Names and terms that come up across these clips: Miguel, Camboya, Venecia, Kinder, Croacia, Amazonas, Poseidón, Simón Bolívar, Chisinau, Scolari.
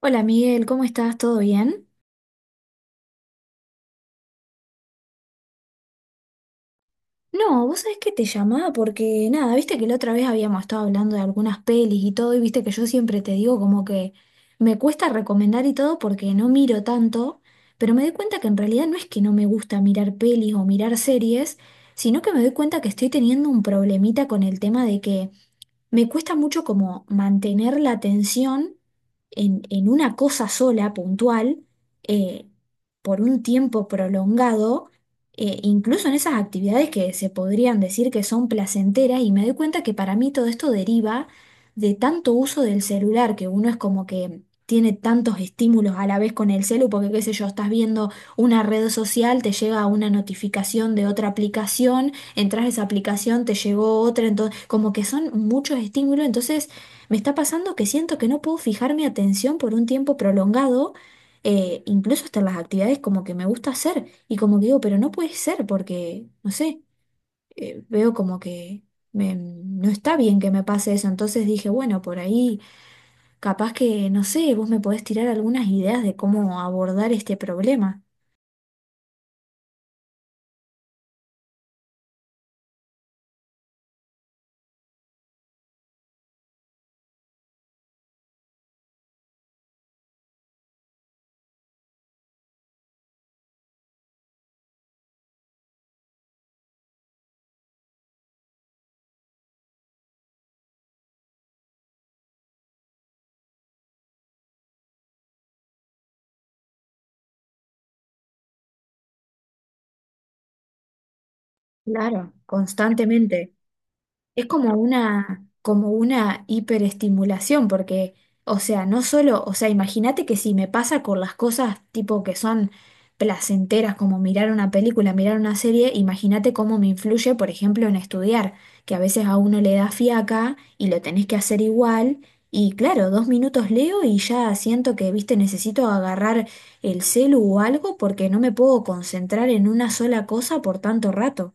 Hola Miguel, ¿cómo estás? ¿Todo bien? No, vos sabés que te llamaba porque nada, viste que la otra vez habíamos estado hablando de algunas pelis y todo, y viste que yo siempre te digo como que me cuesta recomendar y todo porque no miro tanto, pero me doy cuenta que en realidad no es que no me gusta mirar pelis o mirar series, sino que me doy cuenta que estoy teniendo un problemita con el tema de que me cuesta mucho como mantener la atención en una cosa sola, puntual, eh, por un tiempo prolongado, incluso en esas actividades que se podrían decir que son placenteras, y me doy cuenta que para mí todo esto deriva de tanto uso del celular, que uno es como que tiene tantos estímulos a la vez con el celu, porque qué sé yo, estás viendo una red social, te llega una notificación de otra aplicación, entras a esa aplicación, te llegó otra, entonces como que son muchos estímulos, entonces me está pasando que siento que no puedo fijar mi atención por un tiempo prolongado, incluso hasta en las actividades como que me gusta hacer, y como que digo, pero no puede ser porque, no sé, veo como que no está bien que me pase eso, entonces dije, bueno, por ahí capaz que, no sé, vos me podés tirar algunas ideas de cómo abordar este problema. Claro, constantemente. Es como una hiperestimulación, porque, o sea, no solo, o sea, imagínate que si me pasa con las cosas tipo que son placenteras, como mirar una película, mirar una serie, imagínate cómo me influye, por ejemplo, en estudiar, que a veces a uno le da fiaca y lo tenés que hacer igual, y claro, 2 minutos leo y ya siento que, viste, necesito agarrar el celu o algo porque no me puedo concentrar en una sola cosa por tanto rato.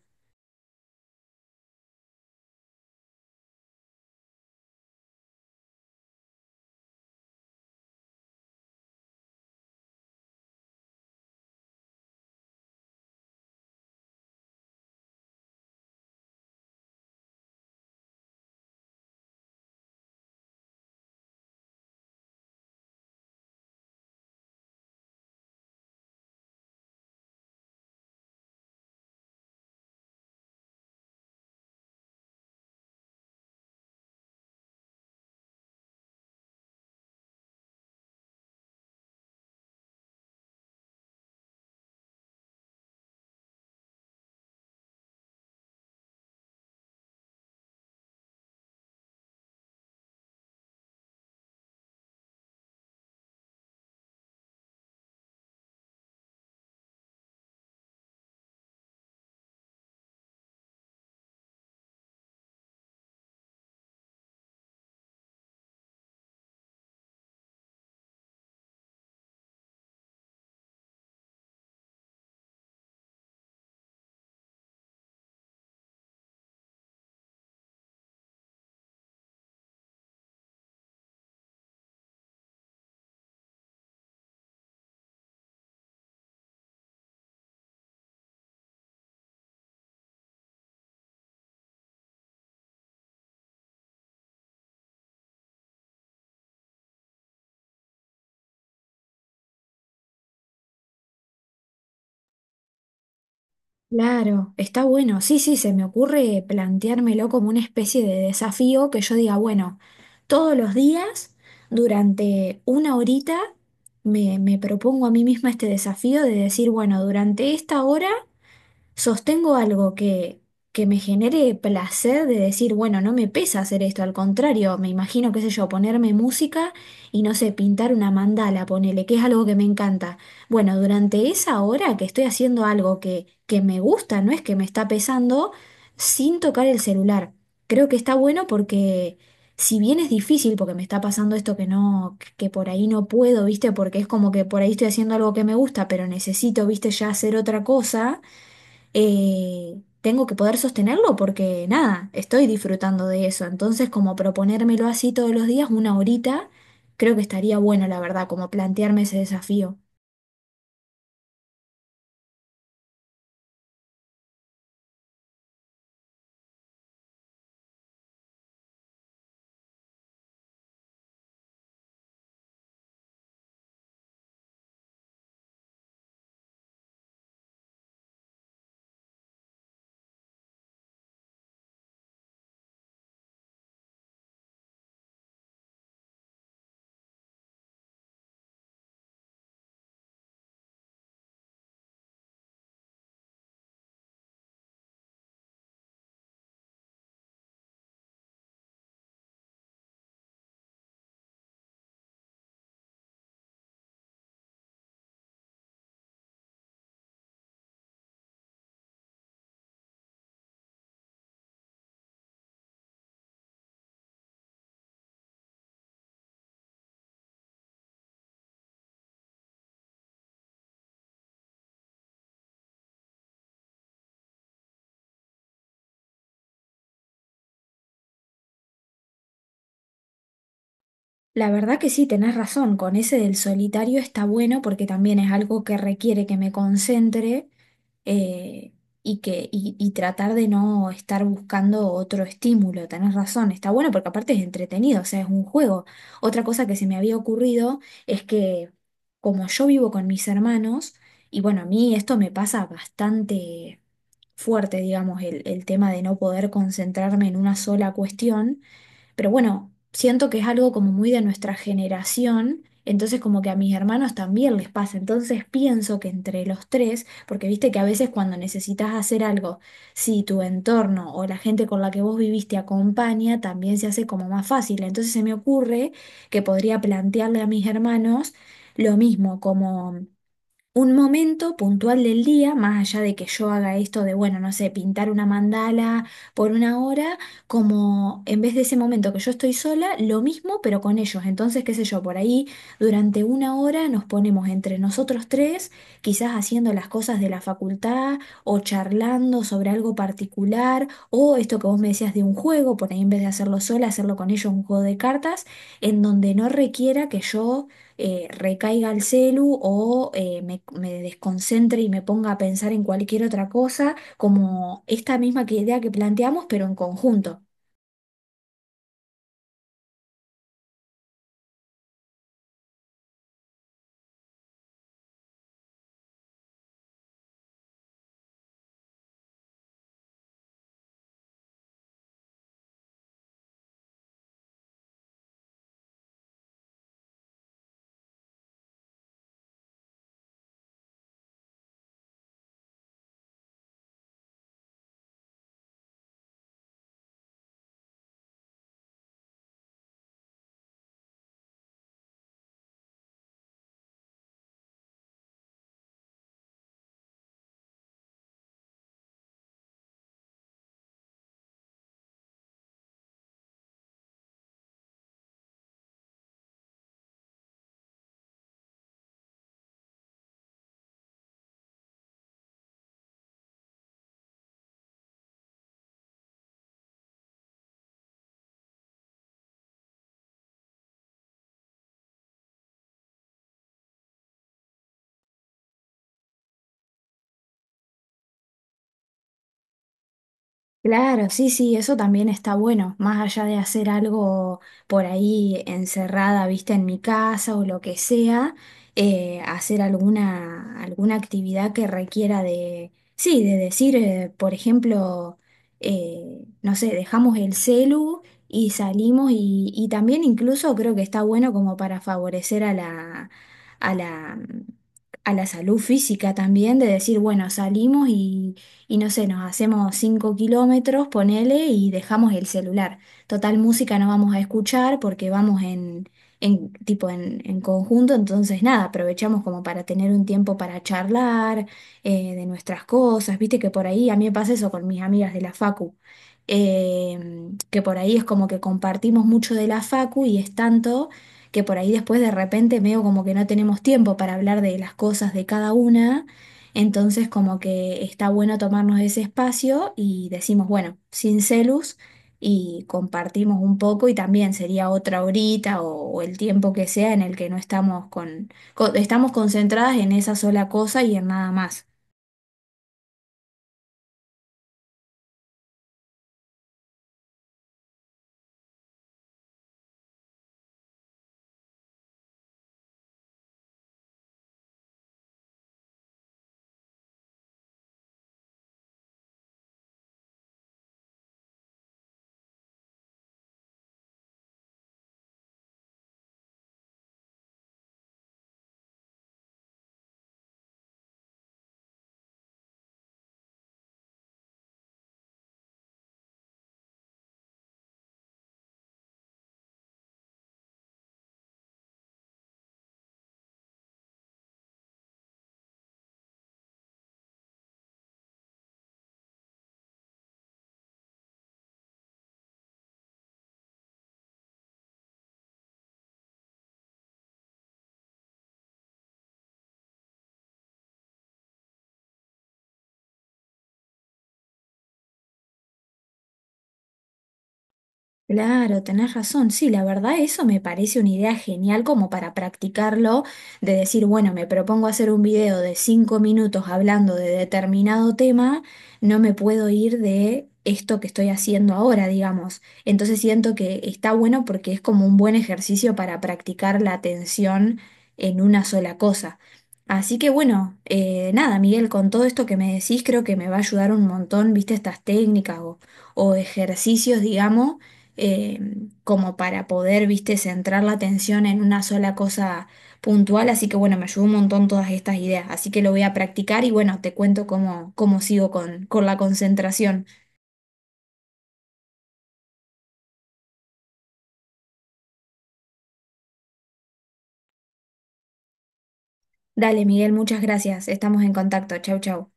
Claro, está bueno. Sí, sí, se me ocurre planteármelo como una especie de desafío que yo diga, bueno, todos los días, durante una horita, me propongo a mí misma este desafío de decir, bueno, durante esta hora sostengo algo que me genere placer de decir, bueno, no me pesa hacer esto, al contrario, me imagino, qué sé yo, ponerme música y no sé, pintar una mandala, ponele, que es algo que me encanta. Bueno, durante esa hora que estoy haciendo algo que me gusta, no es que me está pesando, sin tocar el celular. Creo que está bueno porque... Si bien es difícil, porque me está pasando esto que no, que por ahí no puedo, ¿viste? Porque es como que por ahí estoy haciendo algo que me gusta, pero necesito, ¿viste? Ya hacer otra cosa, tengo que poder sostenerlo porque nada, estoy disfrutando de eso. Entonces, como proponérmelo así todos los días, una horita, creo que estaría bueno, la verdad, como plantearme ese desafío. La verdad que sí, tenés razón, con ese del solitario está bueno porque también es algo que requiere que me concentre, eh, y que, y tratar de no estar buscando otro estímulo. Tenés razón, está bueno porque aparte es entretenido, o sea, es un juego. Otra cosa que se me había ocurrido es que como yo vivo con mis hermanos, y bueno, a mí esto me pasa bastante fuerte, digamos, el tema de no poder concentrarme en una sola cuestión. Pero bueno, siento que es algo como muy de nuestra generación, entonces como que a mis hermanos también les pasa. Entonces pienso que entre los tres, porque viste que a veces cuando necesitas hacer algo, si tu entorno o la gente con la que vos viviste acompaña, también se hace como más fácil. Entonces se me ocurre que podría plantearle a mis hermanos lo mismo, como un momento puntual del día, más allá de que yo haga esto de, bueno, no sé, pintar una mandala por una hora, como en vez de ese momento que yo estoy sola, lo mismo, pero con ellos. Entonces, qué sé yo, por ahí durante una hora nos ponemos entre nosotros tres, quizás haciendo las cosas de la facultad o charlando sobre algo particular, o esto que vos me decías de un juego, por ahí en vez de hacerlo sola, hacerlo con ellos, un juego de cartas, en donde no requiera que yo, recaiga el celu o me desconcentre y me ponga a pensar en cualquier otra cosa, como esta misma que idea que planteamos, pero en conjunto. Claro, sí, sí, eso también está bueno, más allá de hacer algo por ahí encerrada, viste, en mi casa o lo que sea, hacer alguna, alguna actividad que requiera de, sí, de decir, por ejemplo, no sé, dejamos el celu y salimos y también incluso creo que está bueno como para favorecer a a la, la salud física también, de decir, bueno, salimos y no sé, nos hacemos 5 kilómetros, ponele, y dejamos el celular. Total música no vamos a escuchar porque vamos en tipo en conjunto, entonces nada, aprovechamos como para tener un tiempo para charlar, de nuestras cosas, viste que por ahí, a mí me pasa eso con mis amigas de la facu. eh, que por ahí es como que compartimos mucho de la facu y es tanto que por ahí después de repente veo como que no tenemos tiempo para hablar de las cosas de cada una, entonces, como que está bueno tomarnos ese espacio y decimos, bueno, sin celus y compartimos un poco y también sería otra horita o el tiempo que sea en el que no estamos concentradas en esa sola cosa y en nada más. Claro, tenés razón. Sí, la verdad eso me parece una idea genial como para practicarlo, de decir, bueno, me propongo hacer un video de 5 minutos hablando de determinado tema, no me puedo ir de esto que estoy haciendo ahora, digamos. Entonces siento que está bueno porque es como un buen ejercicio para practicar la atención en una sola cosa. Así que bueno, nada, Miguel, con todo esto que me decís, creo que me va a ayudar un montón, viste, estas técnicas o ejercicios, digamos, eh, como para poder, viste, centrar la atención en una sola cosa puntual. Así que bueno, me ayudó un montón todas estas ideas. Así que lo voy a practicar y bueno, te cuento cómo sigo con la concentración. Dale, Miguel, muchas gracias. Estamos en contacto. Chau, chau.